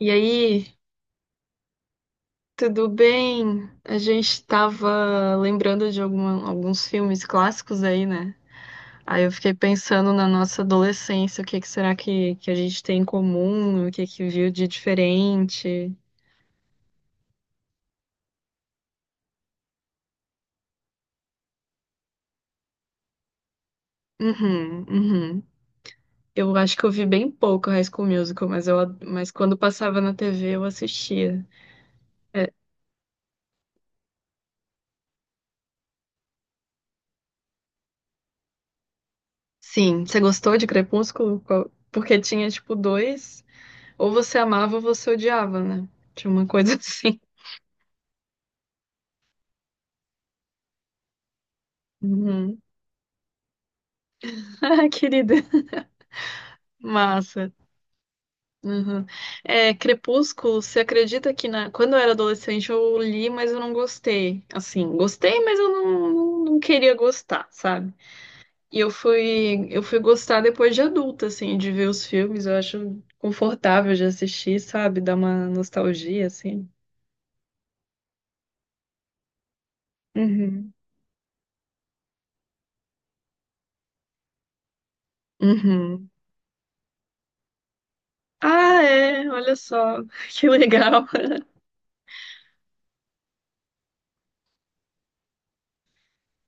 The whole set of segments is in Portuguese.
E aí, tudo bem? A gente tava lembrando de alguns filmes clássicos aí, né? Aí eu fiquei pensando na nossa adolescência, o que que será que a gente tem em comum, o que que viu de diferente. Uhum, uhum. Eu acho que eu vi bem pouco High School Musical, mas quando passava na TV eu assistia. É, sim, você gostou de Crepúsculo? Porque tinha, tipo, dois, ou você amava ou você odiava, né? Tinha uma coisa assim. Uhum. Ah, querida. Massa. Uhum. É, Crepúsculo, você acredita que na... Quando eu era adolescente eu li, mas eu não gostei. Assim, gostei, mas eu não queria gostar, sabe? E eu fui gostar depois de adulta, assim, de ver os filmes. Eu acho confortável de assistir, sabe? Dá uma nostalgia, assim. Uhum. Uhum. Ah, é, olha só, que legal.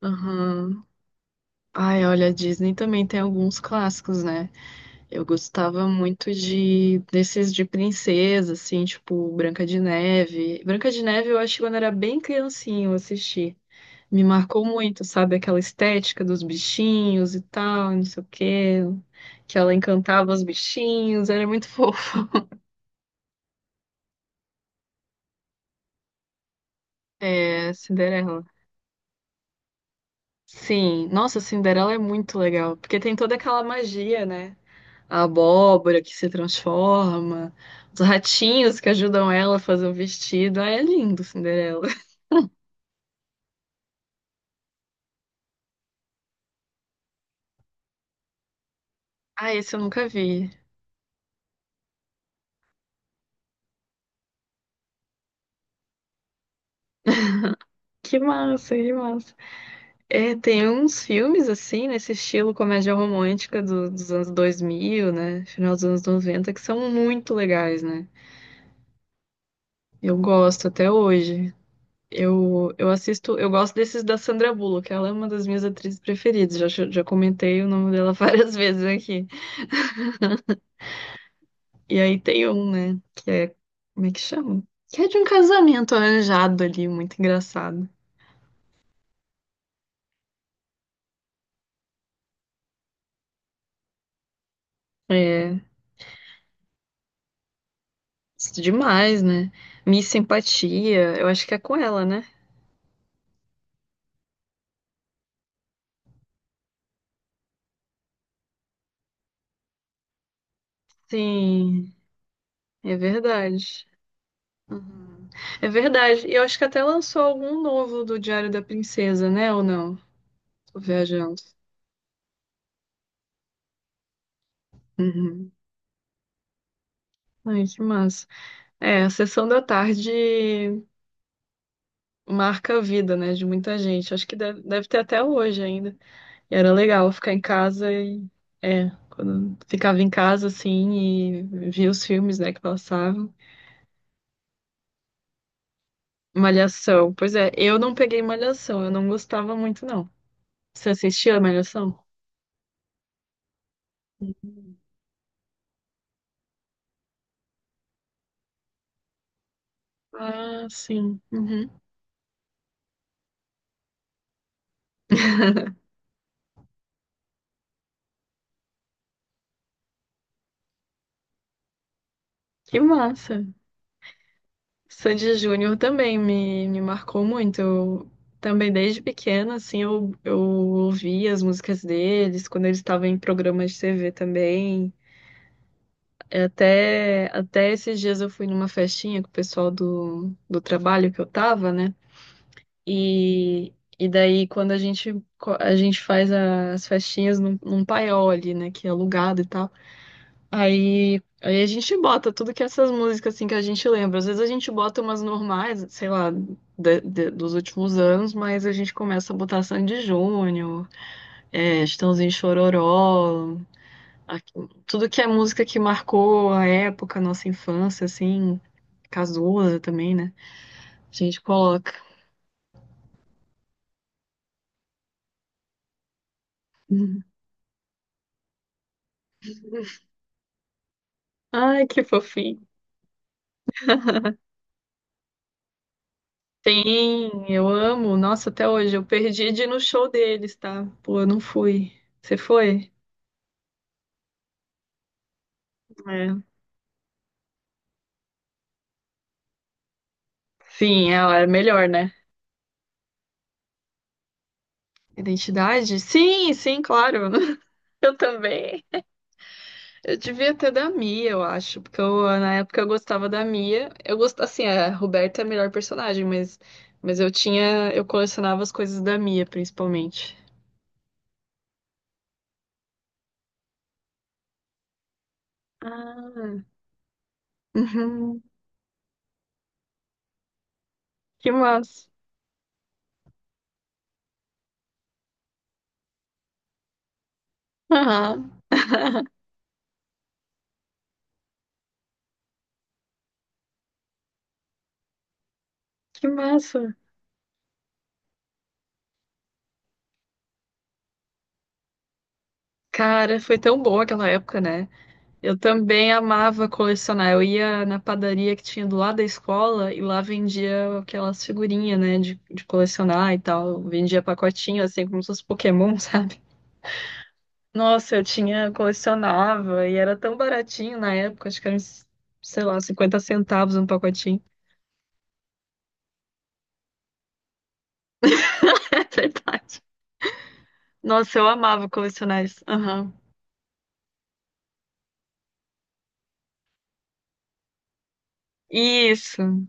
Uhum. Ai, olha, a Disney também tem alguns clássicos, né? Eu gostava muito de desses de princesa, assim, tipo Branca de Neve. Branca de Neve eu acho que quando era bem criancinho eu assisti. Me marcou muito, sabe? Aquela estética dos bichinhos e tal, não sei o quê. Que ela encantava os bichinhos, era muito fofa. É, Cinderela. Sim, nossa, Cinderela é muito legal, porque tem toda aquela magia, né? A abóbora que se transforma, os ratinhos que ajudam ela a fazer o vestido. Ah, é lindo, Cinderela. Ah, esse eu nunca vi. Que massa, que massa. É, tem uns filmes assim, nesse estilo comédia romântica dos anos 2000, né? Final dos anos 90 que são muito legais, né? Eu gosto até hoje. Eu assisto, eu gosto desses da Sandra Bullock, ela é uma das minhas atrizes preferidas. Já comentei o nome dela várias vezes aqui. E aí tem um, né? Que é. Como é que chama? Que é de um casamento arranjado ali, muito engraçado. É. Isso Demais, né? Miss Simpatia, eu acho que é com ela, né? Sim, é verdade. Uhum. É verdade. E eu acho que até lançou algum novo do Diário da Princesa, né? Ou não? Tô viajando. Uhum. Ai, que massa. É, a sessão da tarde marca a vida, né? De muita gente. Acho que deve ter até hoje ainda. E era legal ficar em casa e. É, quando ficava em casa, assim, e via os filmes, né, que passavam. Malhação. Pois é, eu não peguei Malhação, eu não gostava muito, não. Você assistia a Malhação? Hum. Ah, sim. Uhum. Que massa. Sandy Júnior também me marcou muito. Eu também, desde pequena, assim, eu ouvia as músicas deles, quando eles estavam em programas de TV também. É, até esses dias eu fui numa festinha com o pessoal do trabalho que eu tava, né? E daí, quando a gente, a gente faz as festinhas num paiol ali, né? Que é alugado e tal. Aí a gente bota tudo que essas músicas, assim, que a gente lembra. Às vezes a gente bota umas normais, sei lá, dos últimos anos, mas a gente começa a botar Sandy Júnior, é, Chitãozinho e Chororó, a- tudo que é música que marcou a época, a nossa infância, assim, Cazuza também, né? A gente coloca. Ai, que fofinho. Sim, eu amo. Nossa, até hoje. Eu perdi de ir no show deles, tá? Pô, eu não fui. Você foi? É. Sim, ela é melhor, né? Identidade? Sim, sim, claro. Eu também. Eu devia ter da Mia, eu acho, porque eu, na época eu gostava da Mia. Eu gosto, assim, a Roberta é a melhor personagem, mas eu tinha, eu colecionava as coisas da Mia, principalmente. Ah, uhum, que massa. Aham, que massa. Cara, foi tão bom aquela época, né? Eu também amava colecionar. Eu ia na padaria que tinha do lado da escola e lá vendia aquelas figurinhas, né, de colecionar e tal. Vendia pacotinho, assim, como se fosse Pokémon, sabe? Nossa, eu tinha, colecionava e era tão baratinho na época, acho que era, uns, sei lá, cinquenta centavos um pacotinho. É verdade. Nossa, eu amava colecionar isso. Aham. Isso,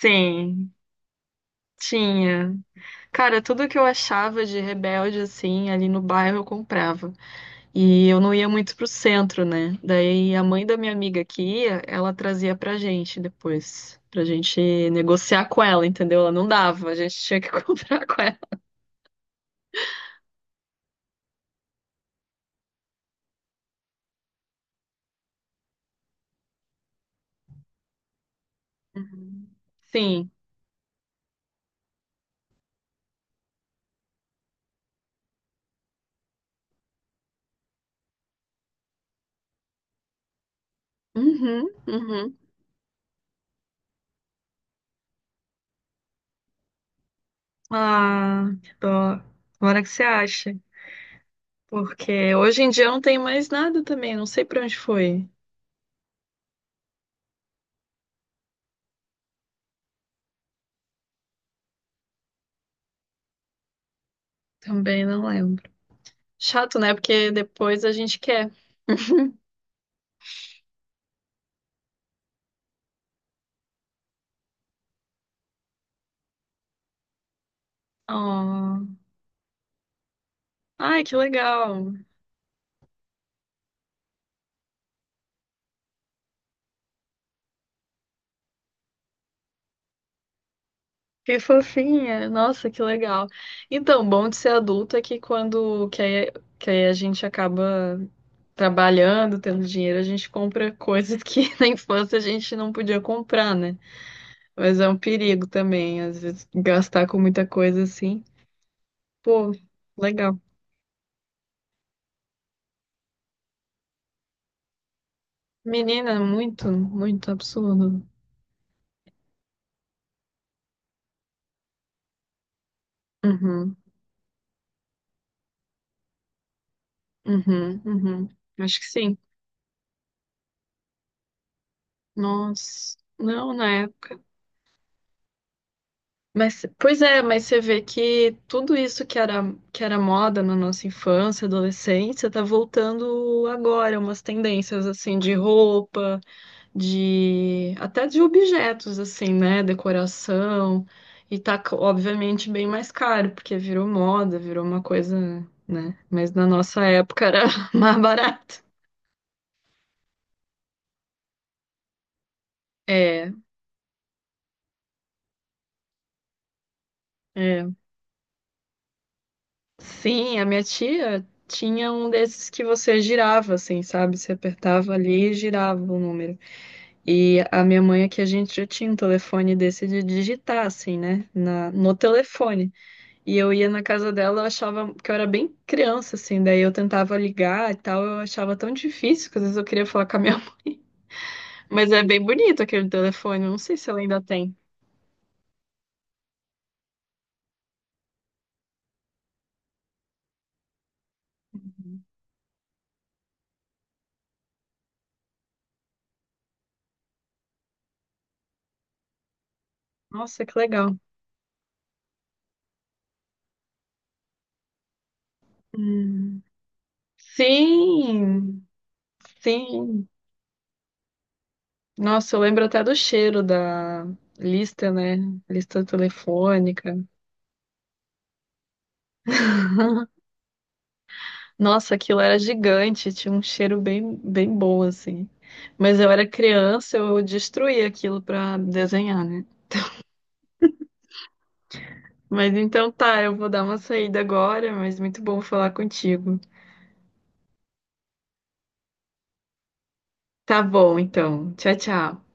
sim, tinha. Cara, tudo que eu achava de rebelde, assim, ali no bairro eu comprava. E eu não ia muito pro centro, né? Daí a mãe da minha amiga que ia, ela trazia pra gente depois, pra gente negociar com ela, entendeu? Ela não dava, a gente tinha que comprar com ela. Uhum. Sim. Uhum, uhum. Ah, que dó. Agora que você acha. Porque hoje em dia eu não tenho mais nada também, não sei pra onde foi. Também não lembro. Chato, né? Porque depois a gente quer. Oh. Ai, que legal. Que fofinha! Nossa, que legal. Então, bom de ser adulto é que quando que aí a gente acaba trabalhando, tendo dinheiro, a gente compra coisas que na infância a gente não podia comprar, né? Mas é um perigo também, às vezes, gastar com muita coisa assim. Pô, legal. Menina, muito, muito absurdo. Uhum, uhum, uhum. Acho que sim. Nossa, não, né? Mas, pois é, mas você vê que tudo isso que era moda na nossa infância, adolescência, tá voltando agora, umas tendências assim de roupa, de até de objetos assim, né, decoração, e obviamente bem mais caro, porque virou moda, virou uma coisa, né? Mas na nossa época era mais barato. É, é. Sim, a minha tia tinha um desses que você girava, assim, sabe? Você apertava ali e girava o número. E a minha mãe aqui, a gente já tinha um telefone desse de digitar, assim, né? No telefone. E eu ia na casa dela, eu achava que eu era bem criança, assim, daí eu tentava ligar e tal, eu achava tão difícil que às vezes eu queria falar com a minha mãe. Mas é bem bonito aquele telefone, eu não sei se ela ainda tem. Nossa, que legal. Hum. Sim, sim. Nossa, eu lembro até do cheiro da lista, né? Lista telefônica. Nossa, aquilo era gigante, tinha um cheiro bem, bem bom, assim. Mas eu era criança, eu destruía aquilo pra desenhar, né? Mas então tá, eu vou dar uma saída agora, mas muito bom falar contigo. Tá bom, então. Tchau, tchau.